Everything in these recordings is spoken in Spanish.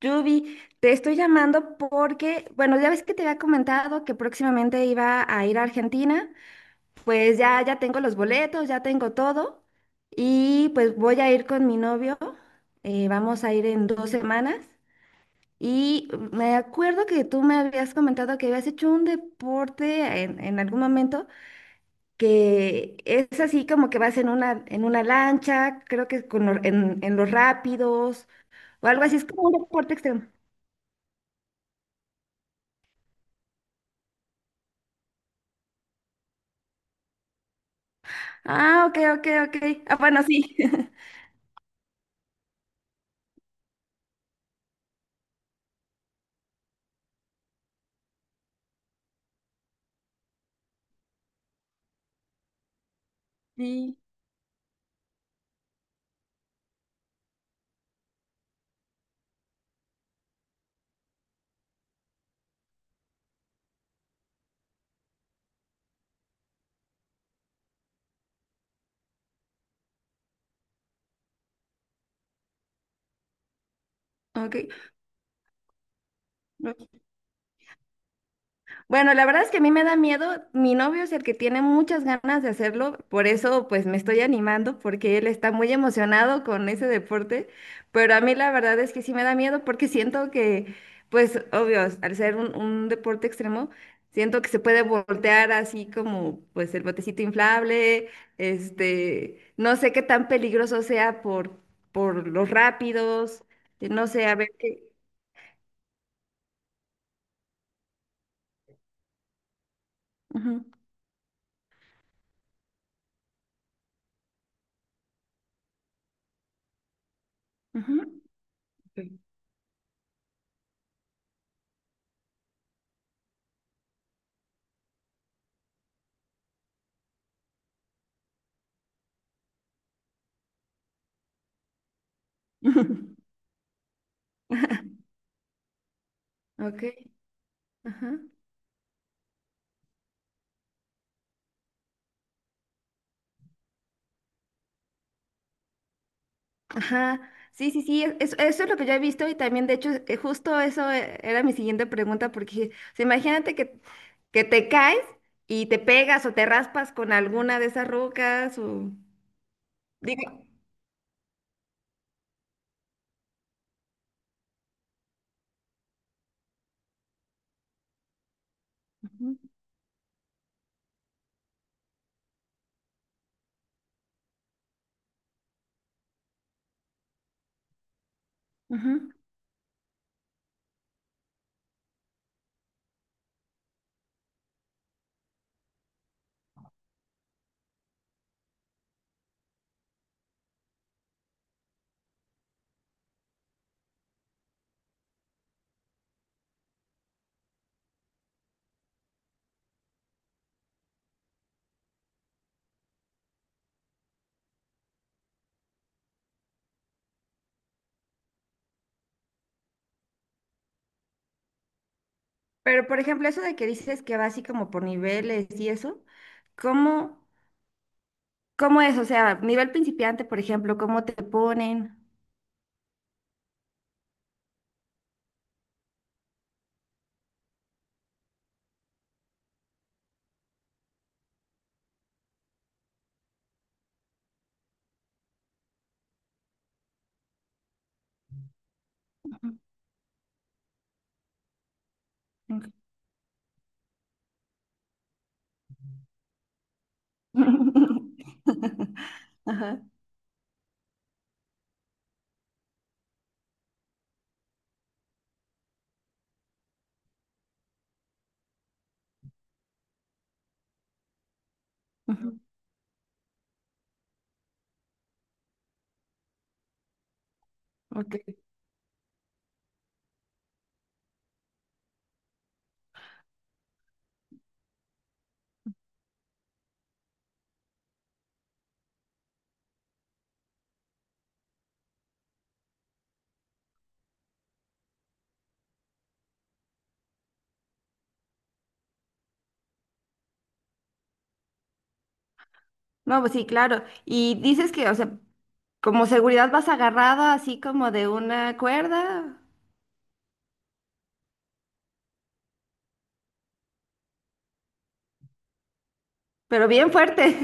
Yubi, te estoy llamando porque, bueno, ya ves que te había comentado que próximamente iba a ir a Argentina, pues ya tengo los boletos, ya tengo todo y pues voy a ir con mi novio. Vamos a ir en 2 semanas y me acuerdo que tú me habías comentado que habías hecho un deporte en algún momento que es así como que vas en una lancha, creo que en los rápidos o algo así, es como un deporte extremo. Ah, ok, ok, ok. Ah, bueno, sí. Sí, ok. Bueno, la verdad es que a mí me da miedo. Mi novio es el que tiene muchas ganas de hacerlo, por eso pues me estoy animando porque él está muy emocionado con ese deporte, pero a mí la verdad es que sí me da miedo porque siento que, pues obvio, al ser un deporte extremo, siento que se puede voltear así como pues el botecito inflable. Este, no sé qué tan peligroso sea por los rápidos. No sé, a ver qué. Ujú, ujú. Ok, ajá. Ajá, sí, sí, sí, eso es lo que yo he visto y también, de hecho, justo eso, era mi siguiente pregunta, porque o sea, imagínate que te caes y te pegas o te raspas con alguna de esas rocas o... Digo, ujú, ujú. Pero, por ejemplo, eso de que dices que va así como por niveles y eso, ¿cómo, ¿cómo es? O sea, nivel principiante, por ejemplo, ¿cómo te ponen? Ujú, ok. Ajá, ujú, ok. No, pues sí, claro. Y dices que, o sea, como seguridad vas agarrado así como de una cuerda, pero bien fuerte.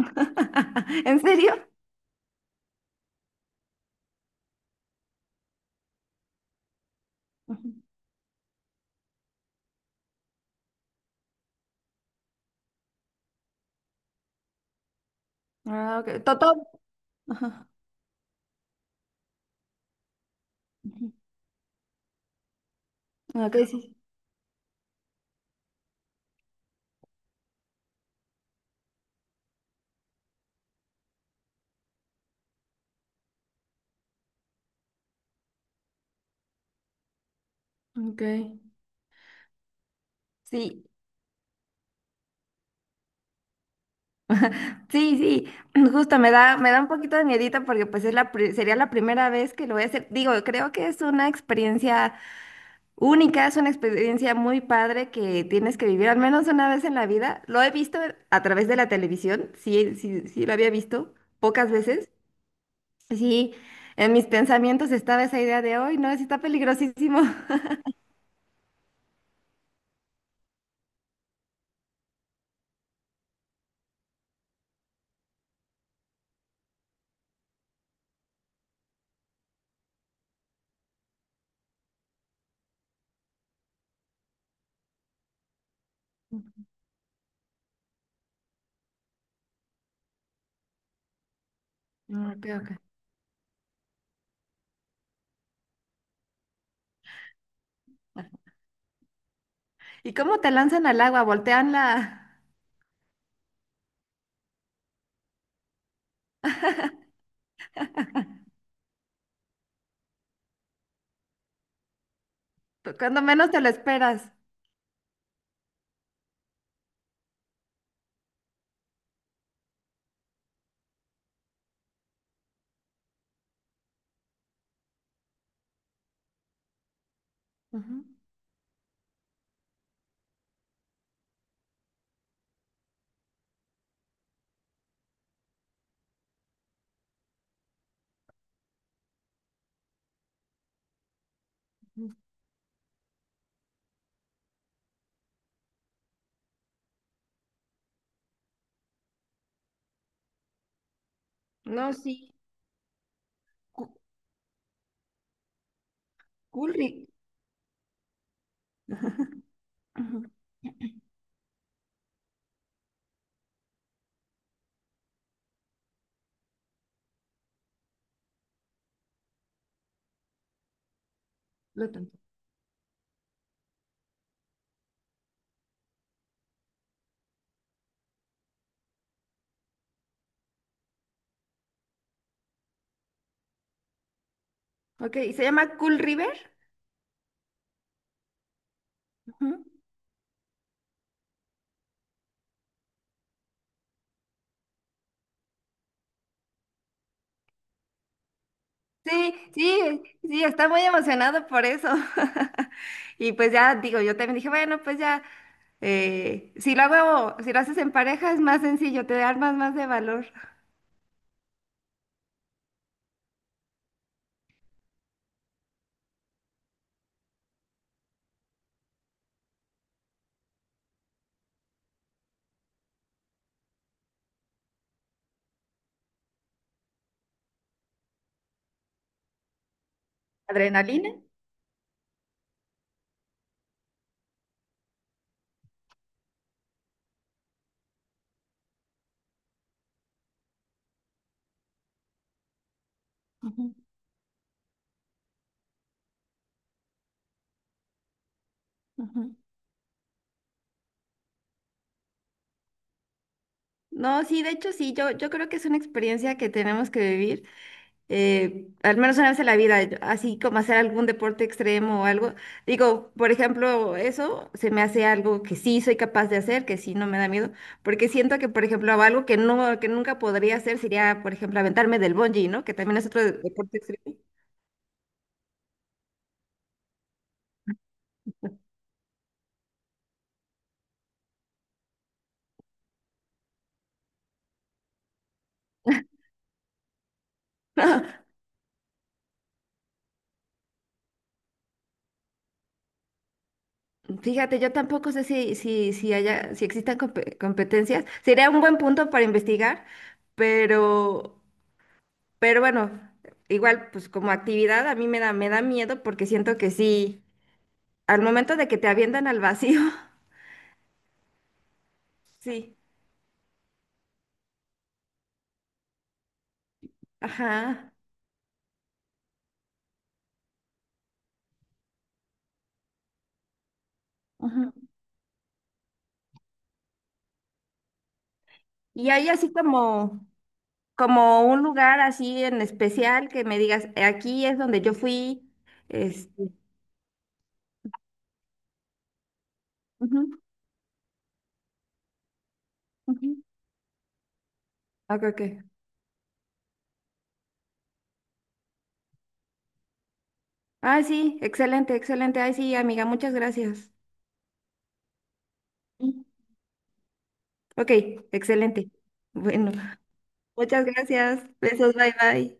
¿En serio? Ujú. Ah, ok. Toto. Ajá. Ujú. Ok, sí. Ok. Sí, sí, sí. Justo me da un poquito de miedito porque pues es sería la primera vez que lo voy a hacer. Digo, creo que es una experiencia única, es una experiencia muy padre que tienes que vivir al menos una vez en la vida. Lo he visto a través de la televisión, sí, sí, sí lo había visto pocas veces. Y sí, en mis pensamientos estaba esa idea de, hoy no, sí está peligrosísimo. Mm, ok, ok. ¿Y cómo te lanzan al agua? Voltean la... Cuando menos te lo esperas. Ujú. No, sí. Cu- Cool River. Ujú. Lo tanto. Ok, ¿y se llama Cool River? Ujú. Sí, sí, sí, está muy emocionado por eso. Y pues ya digo, yo también dije, bueno, pues ya, si lo haces en pareja es más sencillo, te armas más de valor. ¿Adrenalina? Ujú, ujú. No, sí, de hecho sí, yo creo que es una experiencia que tenemos que vivir. Al menos una vez en la vida, yo, así como hacer algún deporte extremo o algo. Digo, por ejemplo, eso se me hace algo que sí soy capaz de hacer, que sí no me da miedo, porque siento que, por ejemplo, algo que no, que nunca podría hacer sería, por ejemplo, aventarme del bungee, ¿no? Que también es otro deporte extremo. Fíjate, yo tampoco sé si haya, si existan competencias. Sería un buen punto para investigar, pero, pero bueno, igual, pues como actividad a mí me da miedo porque siento que sí. Al momento de que te avientan al vacío, sí, ajá. Ujú. Y hay así como, como un lugar así en especial que me digas, aquí es donde yo fui". Este, ujú, ujú. Ok, ok. Ah, sí, excelente, excelente. Ay, sí, amiga, muchas gracias. Sí. Ok, excelente. Bueno, muchas gracias. Besos, bye, bye.